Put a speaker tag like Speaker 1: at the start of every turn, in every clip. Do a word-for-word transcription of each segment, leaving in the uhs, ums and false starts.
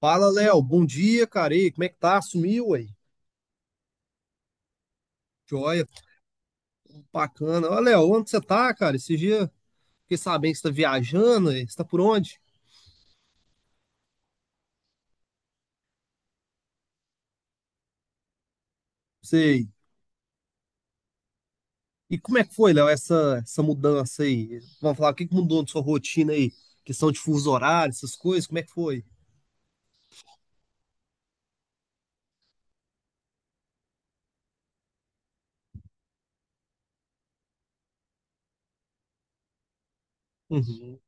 Speaker 1: Fala, Léo. Bom dia, cara. E aí, como é que tá? Sumiu, aí? Joia, tudo bacana. Ô, Léo, onde você tá, cara? Esse dia fiquei sabendo que você tá viajando, aí. Você tá por onde? Sei. E como é que foi, Léo, essa, essa mudança aí? Vamos falar, o que que mudou na sua rotina aí? Questão de fuso horário, essas coisas, como é que foi? Uhum.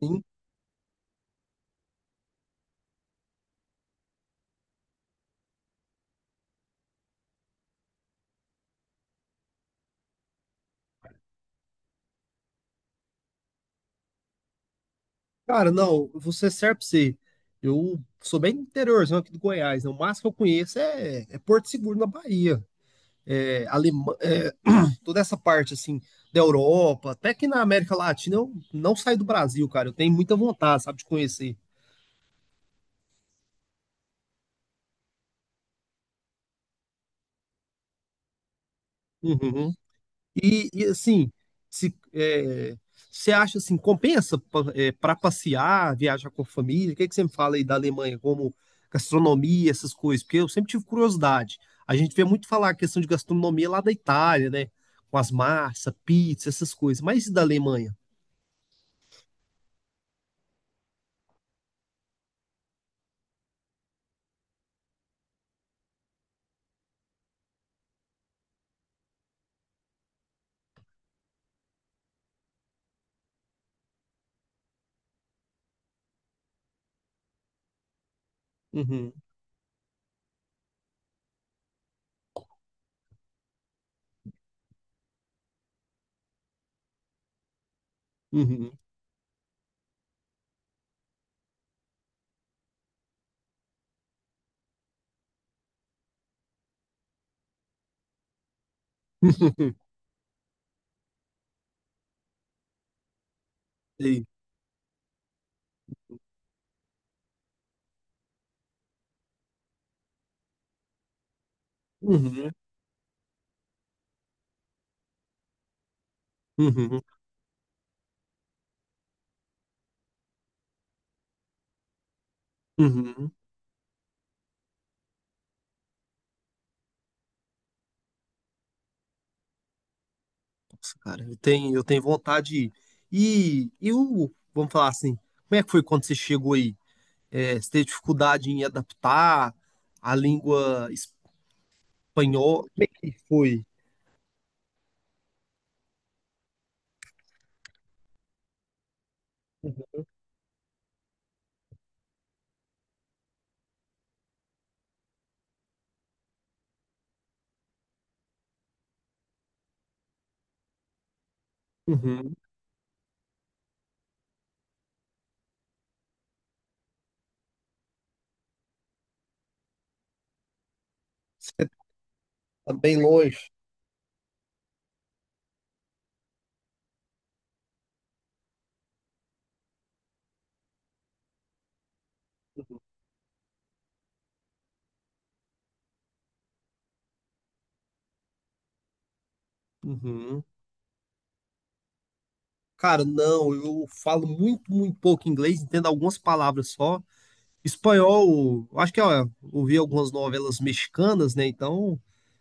Speaker 1: Sim. Cara, não, você serve pra você. Eu sou bem interiorzão aqui do Goiás, né? O máximo que eu conheço é, é Porto Seguro, na Bahia. é, Alema, é, toda essa parte assim da Europa, até que na América Latina eu não saí do Brasil, cara. Eu tenho muita vontade, sabe, de conhecer. Uhum. E, e, assim, se é, você acha assim, compensa pa- é, para passear, viajar com a família? O que é que você me fala aí da Alemanha, como gastronomia, essas coisas? Porque eu sempre tive curiosidade. A gente vê muito falar a questão de gastronomia lá da Itália, né? Com as massas, pizza, essas coisas. Mas e da Alemanha? Uhum. Uhum. Uhum, uhum, uhum. Nossa, cara, eu tenho, eu tenho vontade de ir. E, e o, vamos falar assim, como é que foi quando você chegou aí? É, você teve dificuldade em adaptar a língua espanhola? Como é que foi? Uhum. Você tá bem longe. Uhum. Cara, não, eu falo muito, muito pouco inglês, entendo algumas palavras só. Espanhol, acho que ó, eu ouvi algumas novelas mexicanas, né? Então,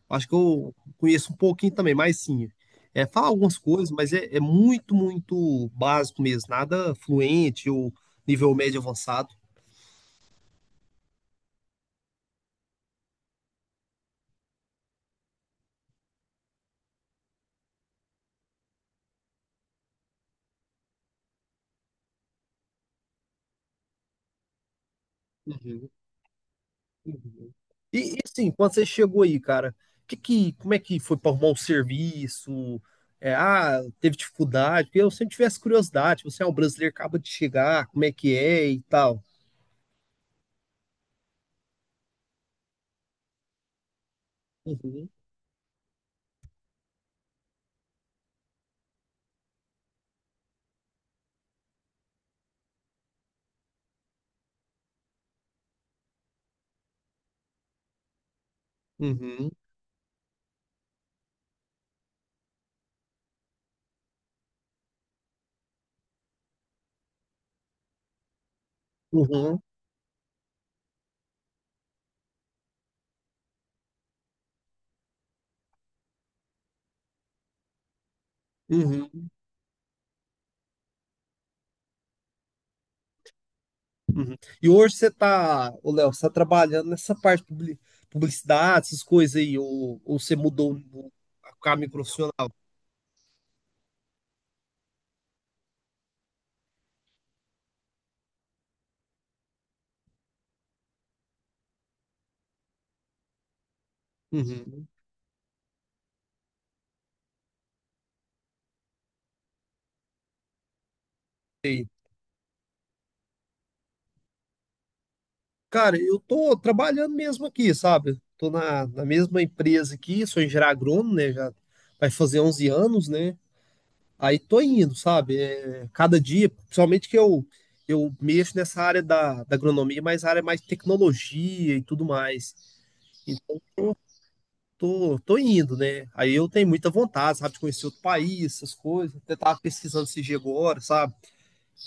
Speaker 1: acho que eu conheço um pouquinho também, mas sim, é, fala algumas coisas, mas é, é muito, muito básico mesmo, nada fluente ou nível médio avançado. Uhum, uhum. E, e assim, quando você chegou aí, cara, que que, como é que foi para arrumar um serviço? É, ah, teve dificuldade? Porque eu sempre tivesse curiosidade, você é um brasileiro, acaba de chegar, como é que é e tal. Uhum. Uhum, uhum. Uhum. E hoje você tá, ô Léo, você tá trabalhando nessa parte de publi- publicidade, essas coisas aí, ou, ou você mudou o o caminho profissional? Uhum. Sei. Cara, eu tô trabalhando mesmo aqui, sabe? Tô na, na mesma empresa aqui, sou engenheiro agrônomo, né? Já vai fazer onze anos, né? Aí tô indo, sabe? É, cada dia, principalmente que eu, eu mexo nessa área da, da agronomia, mas a área mais tecnologia e tudo mais. tô, tô indo, né? Aí eu tenho muita vontade, sabe, de conhecer outro país, essas coisas. Até tava pesquisando esse dia agora, sabe?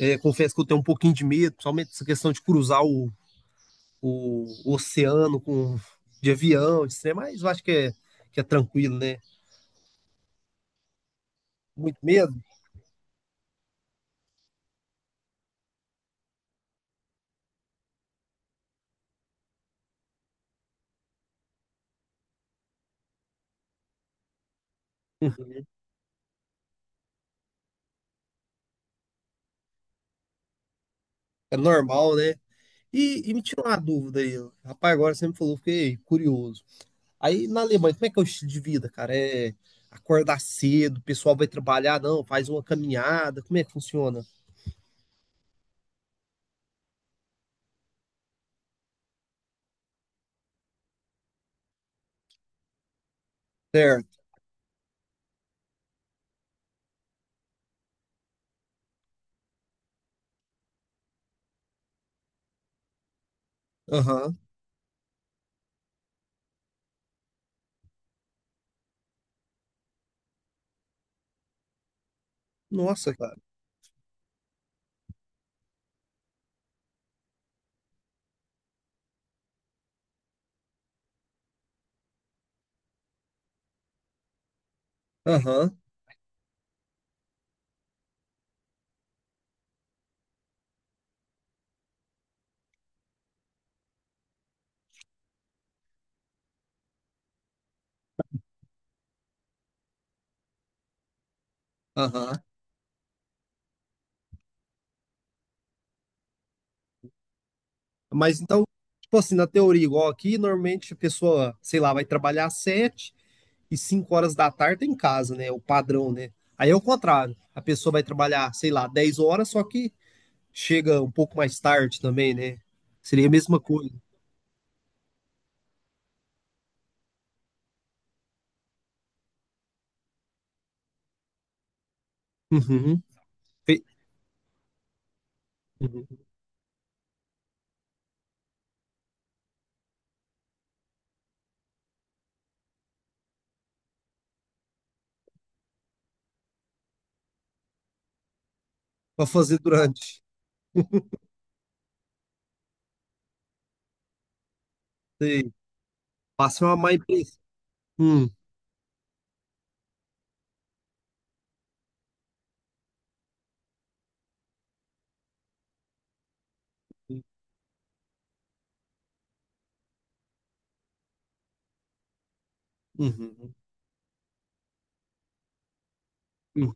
Speaker 1: É, confesso que eu tenho um pouquinho de medo, principalmente essa questão de cruzar o, o, o oceano com, de avião, de trem, mas eu acho que é, que é tranquilo, né? Muito medo, é normal, né? E, e me tira uma dúvida aí, ó, rapaz, agora você me falou, fiquei curioso. Aí na Alemanha, como é que é o estilo de vida, cara? É acordar cedo, o pessoal vai trabalhar, não, faz uma caminhada, como é que funciona? Certo. Aham. Nossa, cara. Aham. Aham. Mas então, tipo assim, na teoria, igual aqui, normalmente a pessoa, sei lá, vai trabalhar às sete e cinco horas da tarde tá em casa, né? O padrão, né? Aí é o contrário. A pessoa vai trabalhar, sei lá, dez horas, só que chega um pouco mais tarde também, né? Seria a mesma coisa. Uhum. Fe- uhum. Pra fazer durante. Sei. Passa uma má impressão. Hum. Uhum. Uhum,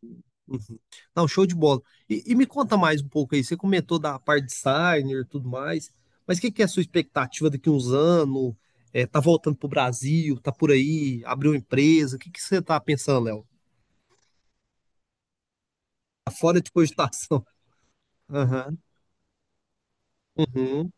Speaker 1: uhum. Não, show de bola. E, e me conta mais um pouco aí. Você comentou da parte designer e tudo mais, mas o que, que é a sua expectativa daqui a uns anos? É, tá voltando pro Brasil? Tá por aí? Abriu uma empresa? O que, que você tá pensando, Léo? Tá fora de cogitação. Aham, uhum,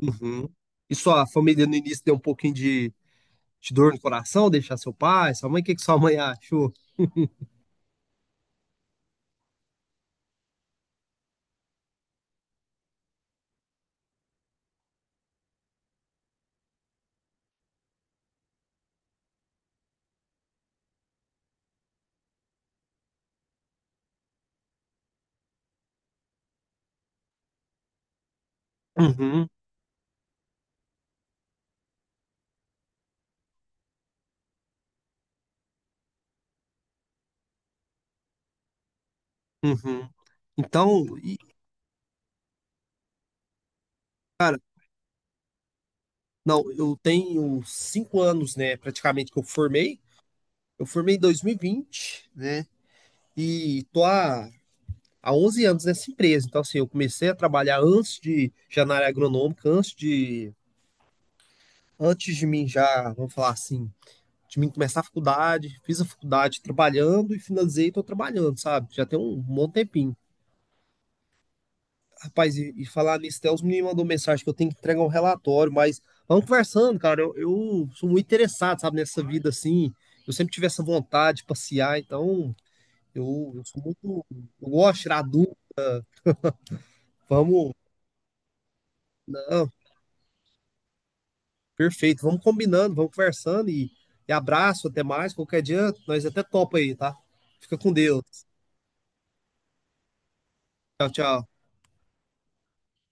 Speaker 1: uhum. E sua família no início deu um pouquinho de, de dor no coração, deixar seu pai, sua mãe? O que, que sua mãe achou? Uhum, uhum. Então, e, cara, não, eu tenho cinco anos, né, praticamente que eu formei. Eu formei em dois mil e vinte, né? E tô há, há onze anos nessa empresa. Então, assim, eu comecei a trabalhar antes de já na área agronômica, antes de, antes de mim já, vamos falar assim, de mim começar a faculdade. Fiz a faculdade trabalhando e finalizei e tô trabalhando, sabe? Já tem um bom tempinho. Rapaz, e, e falar nisso, até os meninos mandou mensagem que eu tenho que entregar um relatório, mas vamos conversando, cara. Eu, eu sou muito interessado, sabe, nessa vida assim. Eu sempre tive essa vontade de passear, então. Eu, eu sou muito. Eu gosto de tirar dúvida. Vamos. Não, perfeito. Vamos combinando, vamos conversando e, e abraço, até mais. Qualquer dia, nós até topa aí, tá? Fica com Deus. Tchau, tchau.